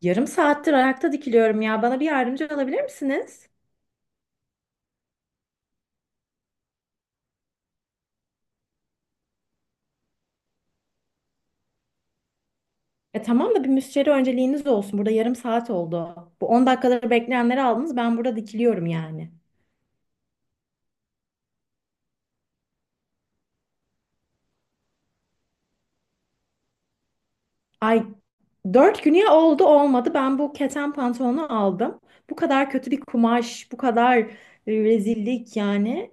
Yarım saattir ayakta dikiliyorum ya. Bana bir yardımcı olabilir misiniz? E tamam da bir müşteri önceliğiniz olsun. Burada yarım saat oldu. Bu 10 dakikaları bekleyenleri aldınız. Ben burada dikiliyorum yani. Ay 4 güne oldu olmadı. Ben bu keten pantolonu aldım. Bu kadar kötü bir kumaş, bu kadar rezillik yani.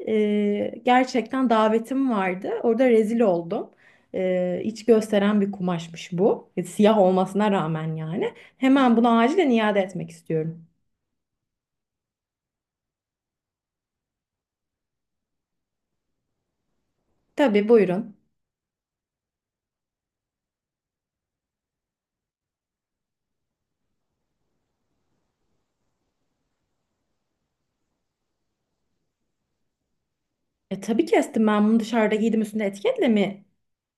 Gerçekten davetim vardı. Orada rezil oldum. İç gösteren bir kumaşmış bu. Siyah olmasına rağmen yani. Hemen bunu acilen iade etmek istiyorum. Tabii buyurun. Tabii kestim, ben bunu dışarıda giydim, üstünde etiketle mi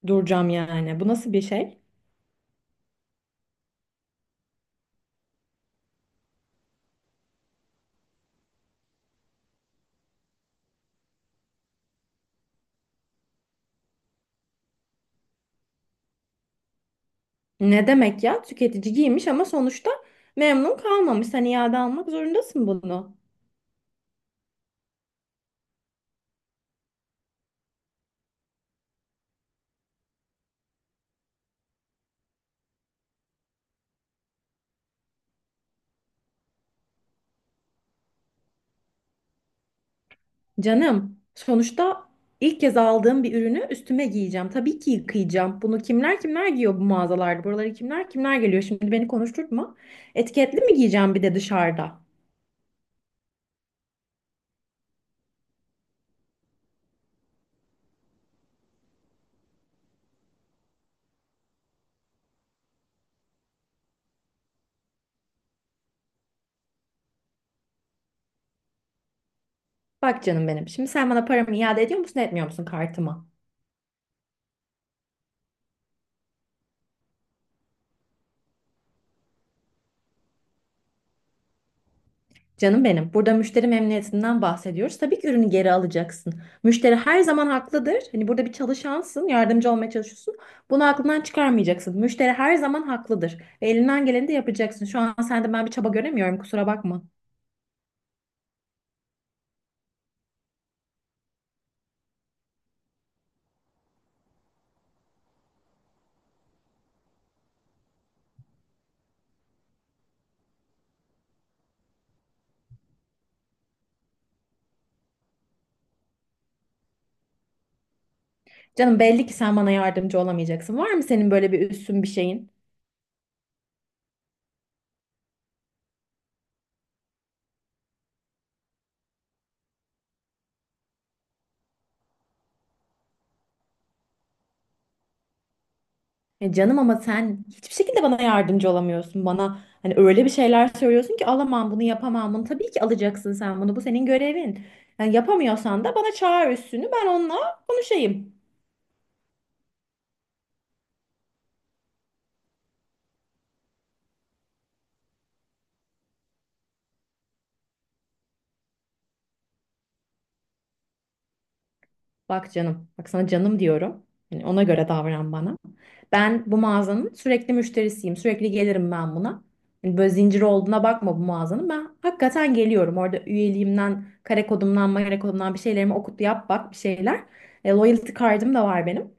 duracağım yani? Bu nasıl bir şey? Ne demek ya? Tüketici giymiş ama sonuçta memnun kalmamış. Sen iade almak zorundasın bunu. Canım, sonuçta ilk kez aldığım bir ürünü üstüme giyeceğim. Tabii ki yıkayacağım. Bunu kimler kimler giyiyor bu mağazalarda? Buraları kimler kimler geliyor? Şimdi beni konuşturtma. Etiketli mi giyeceğim bir de dışarıda? Bak canım benim. Şimdi sen bana paramı iade ediyor musun, etmiyor musun kartıma? Canım benim, burada müşteri memnuniyetinden bahsediyoruz. Tabii ki ürünü geri alacaksın. Müşteri her zaman haklıdır. Hani burada bir çalışansın, yardımcı olmaya çalışıyorsun. Bunu aklından çıkarmayacaksın. Müşteri her zaman haklıdır. Ve elinden geleni de yapacaksın. Şu an sende ben bir çaba göremiyorum, kusura bakma. Canım belli ki sen bana yardımcı olamayacaksın. Var mı senin böyle bir üstün bir şeyin? Ya canım, ama sen hiçbir şekilde bana yardımcı olamıyorsun. Bana hani öyle bir şeyler söylüyorsun ki alamam bunu, yapamam bunu. Tabii ki alacaksın sen bunu. Bu senin görevin. Yani yapamıyorsan da bana çağır üstünü. Ben onunla konuşayım. Bak canım, bak sana canım diyorum. Yani ona göre davran bana. Ben bu mağazanın sürekli müşterisiyim. Sürekli gelirim ben buna. Yani böyle zincir olduğuna bakma bu mağazanın. Ben hakikaten geliyorum. Orada üyeliğimden, kare kodumdan, magare kodumdan bir şeylerimi okut yap bak, bir şeyler. Loyalty card'ım da var benim.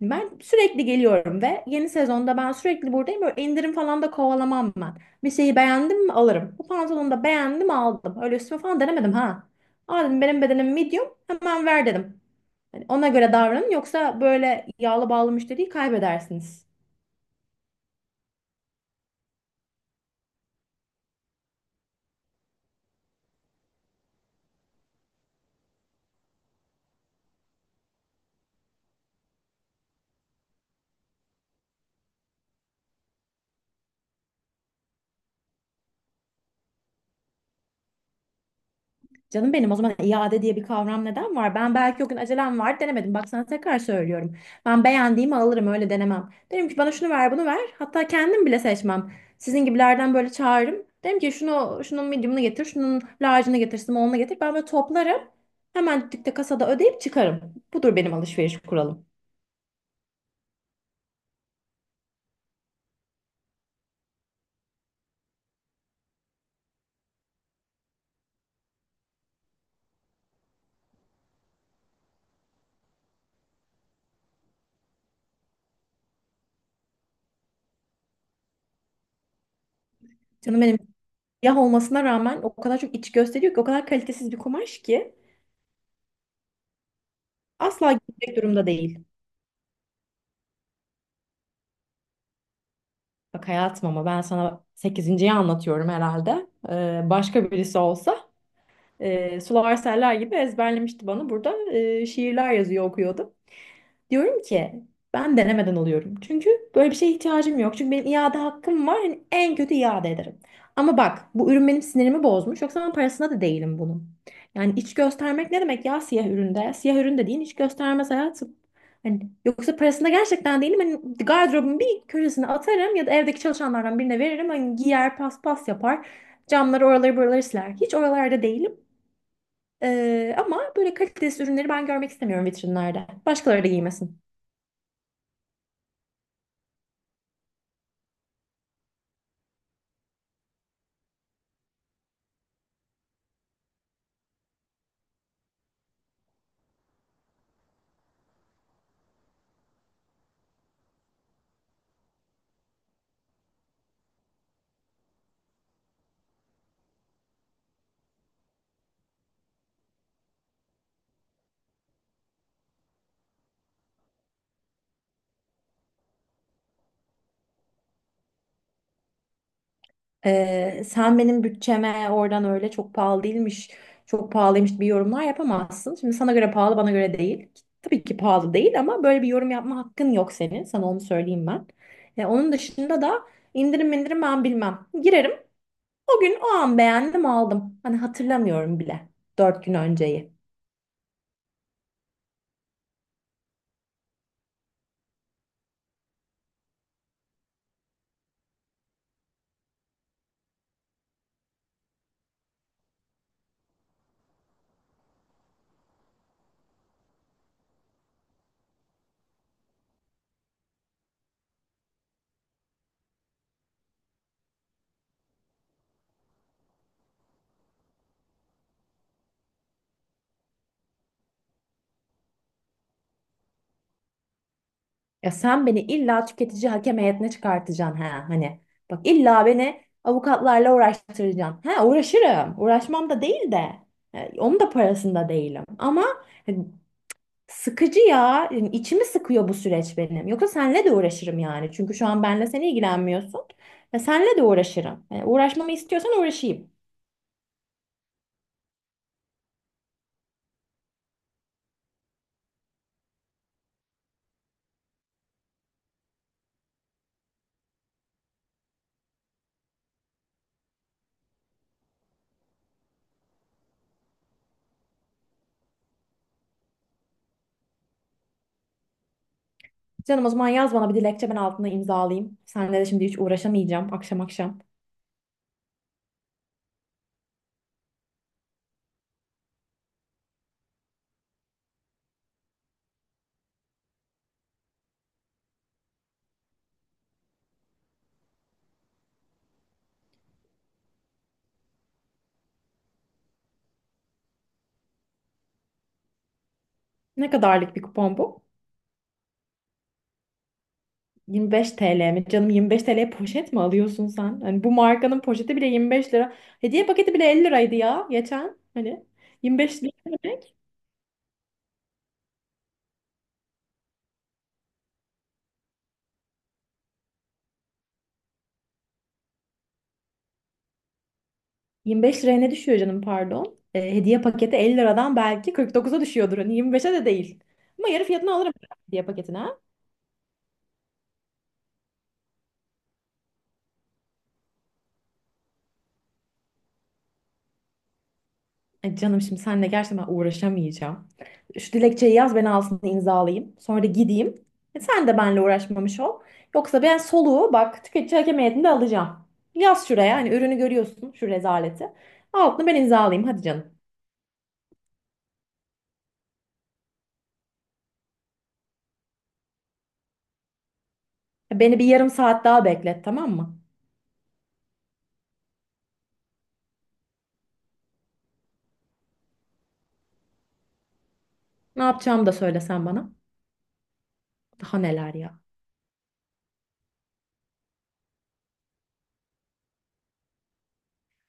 Ben sürekli geliyorum ve yeni sezonda ben sürekli buradayım. Böyle indirim falan da kovalamam ben. Bir şeyi beğendim mi alırım. Bu pantolonu da beğendim aldım. Öyle üstüme falan denemedim ha. Aa dedim, benim bedenim medium, hemen ver dedim. Hani ona göre davranın, yoksa böyle yağlı bağlı müşteriyi kaybedersiniz. Canım benim, o zaman iade diye bir kavram neden var? Ben belki o gün acelem var, denemedim. Bak sana tekrar söylüyorum. Ben beğendiğimi alırım, öyle denemem. Derim ki bana şunu ver, bunu ver. Hatta kendim bile seçmem. Sizin gibilerden böyle çağırırım. Derim ki şunu, şunun medium'unu getir, şunun large'ını getir, small'ını getir. Ben böyle toplarım. Hemen dükkte kasada ödeyip çıkarım. Budur benim alışveriş kuralım. Canım benim, siyah olmasına rağmen o kadar çok iç gösteriyor ki, o kadar kalitesiz bir kumaş ki. Asla gitmek durumda değil. Bak hayatım, ama ben sana 8.yi anlatıyorum herhalde. Başka birisi olsa sular seller gibi ezberlemişti bana. Burada şiirler yazıyor okuyordu. Diyorum ki ben denemeden alıyorum. Çünkü böyle bir şeye ihtiyacım yok. Çünkü benim iade hakkım var. Hani en kötü iade ederim. Ama bak, bu ürün benim sinirimi bozmuş. Yoksa ben parasına da değilim bunun. Yani iç göstermek ne demek ya, siyah üründe? Siyah üründe değil, iç göstermez hayatım. Hani yoksa parasında gerçekten değilim. Hani gardırobun bir köşesine atarım ya da evdeki çalışanlardan birine veririm. Hani giyer, paspas yapar. Camları, oraları buraları siler. Hiç oralarda değilim. Ama böyle kalitesiz ürünleri ben görmek istemiyorum vitrinlerde. Başkaları da giymesin. Sen benim bütçeme oradan öyle çok pahalı değilmiş, çok pahalıymış bir yorumlar yapamazsın. Şimdi sana göre pahalı, bana göre değil. Tabii ki pahalı değil, ama böyle bir yorum yapma hakkın yok senin. Sana onu söyleyeyim ben. Onun dışında da indirim indirim ben bilmem. Girerim. O gün o an beğendim aldım. Hani hatırlamıyorum bile. Dört gün önceyi. Ya sen beni illa tüketici hakem heyetine çıkartacaksın ha hani. Bak illa beni avukatlarla uğraştıracaksın. Ha uğraşırım. Uğraşmam da değil de. Onun da parasında değilim. Ama hani sıkıcı ya. Yani içimi sıkıyor bu süreç benim. Yoksa senle de uğraşırım yani. Çünkü şu an benle sen ilgilenmiyorsun. Ya senle de uğraşırım. Yani uğraşmamı istiyorsan uğraşayım. Canım, o zaman yaz bana bir dilekçe, ben altına imzalayayım. Seninle de şimdi hiç uğraşamayacağım akşam akşam. Ne kadarlık bir kupon bu? 25 TL mi? Canım, 25 TL'ye poşet mi alıyorsun sen? Hani bu markanın poşeti bile 25 lira. Hediye paketi bile 50 liraydı ya geçen. Hani 25 lira ne demek? 25 liraya ne düşüyor canım pardon? Hediye paketi 50 liradan belki 49'a düşüyordur. Hani 25'e de değil. Ama yarı fiyatına alırım hediye paketine ha. Ay canım, şimdi seninle gerçekten ben uğraşamayacağım. Şu dilekçeyi yaz, ben alsın imzalayayım. Sonra da gideyim. Sen de benimle uğraşmamış ol. Yoksa ben soluğu bak tüketici hakem heyetinde alacağım. Yaz şuraya, hani ürünü görüyorsun şu rezaleti. Altını ben imzalayayım hadi canım. Beni bir yarım saat daha beklet tamam mı? Ne yapacağımı da söyle sen bana. Daha neler ya.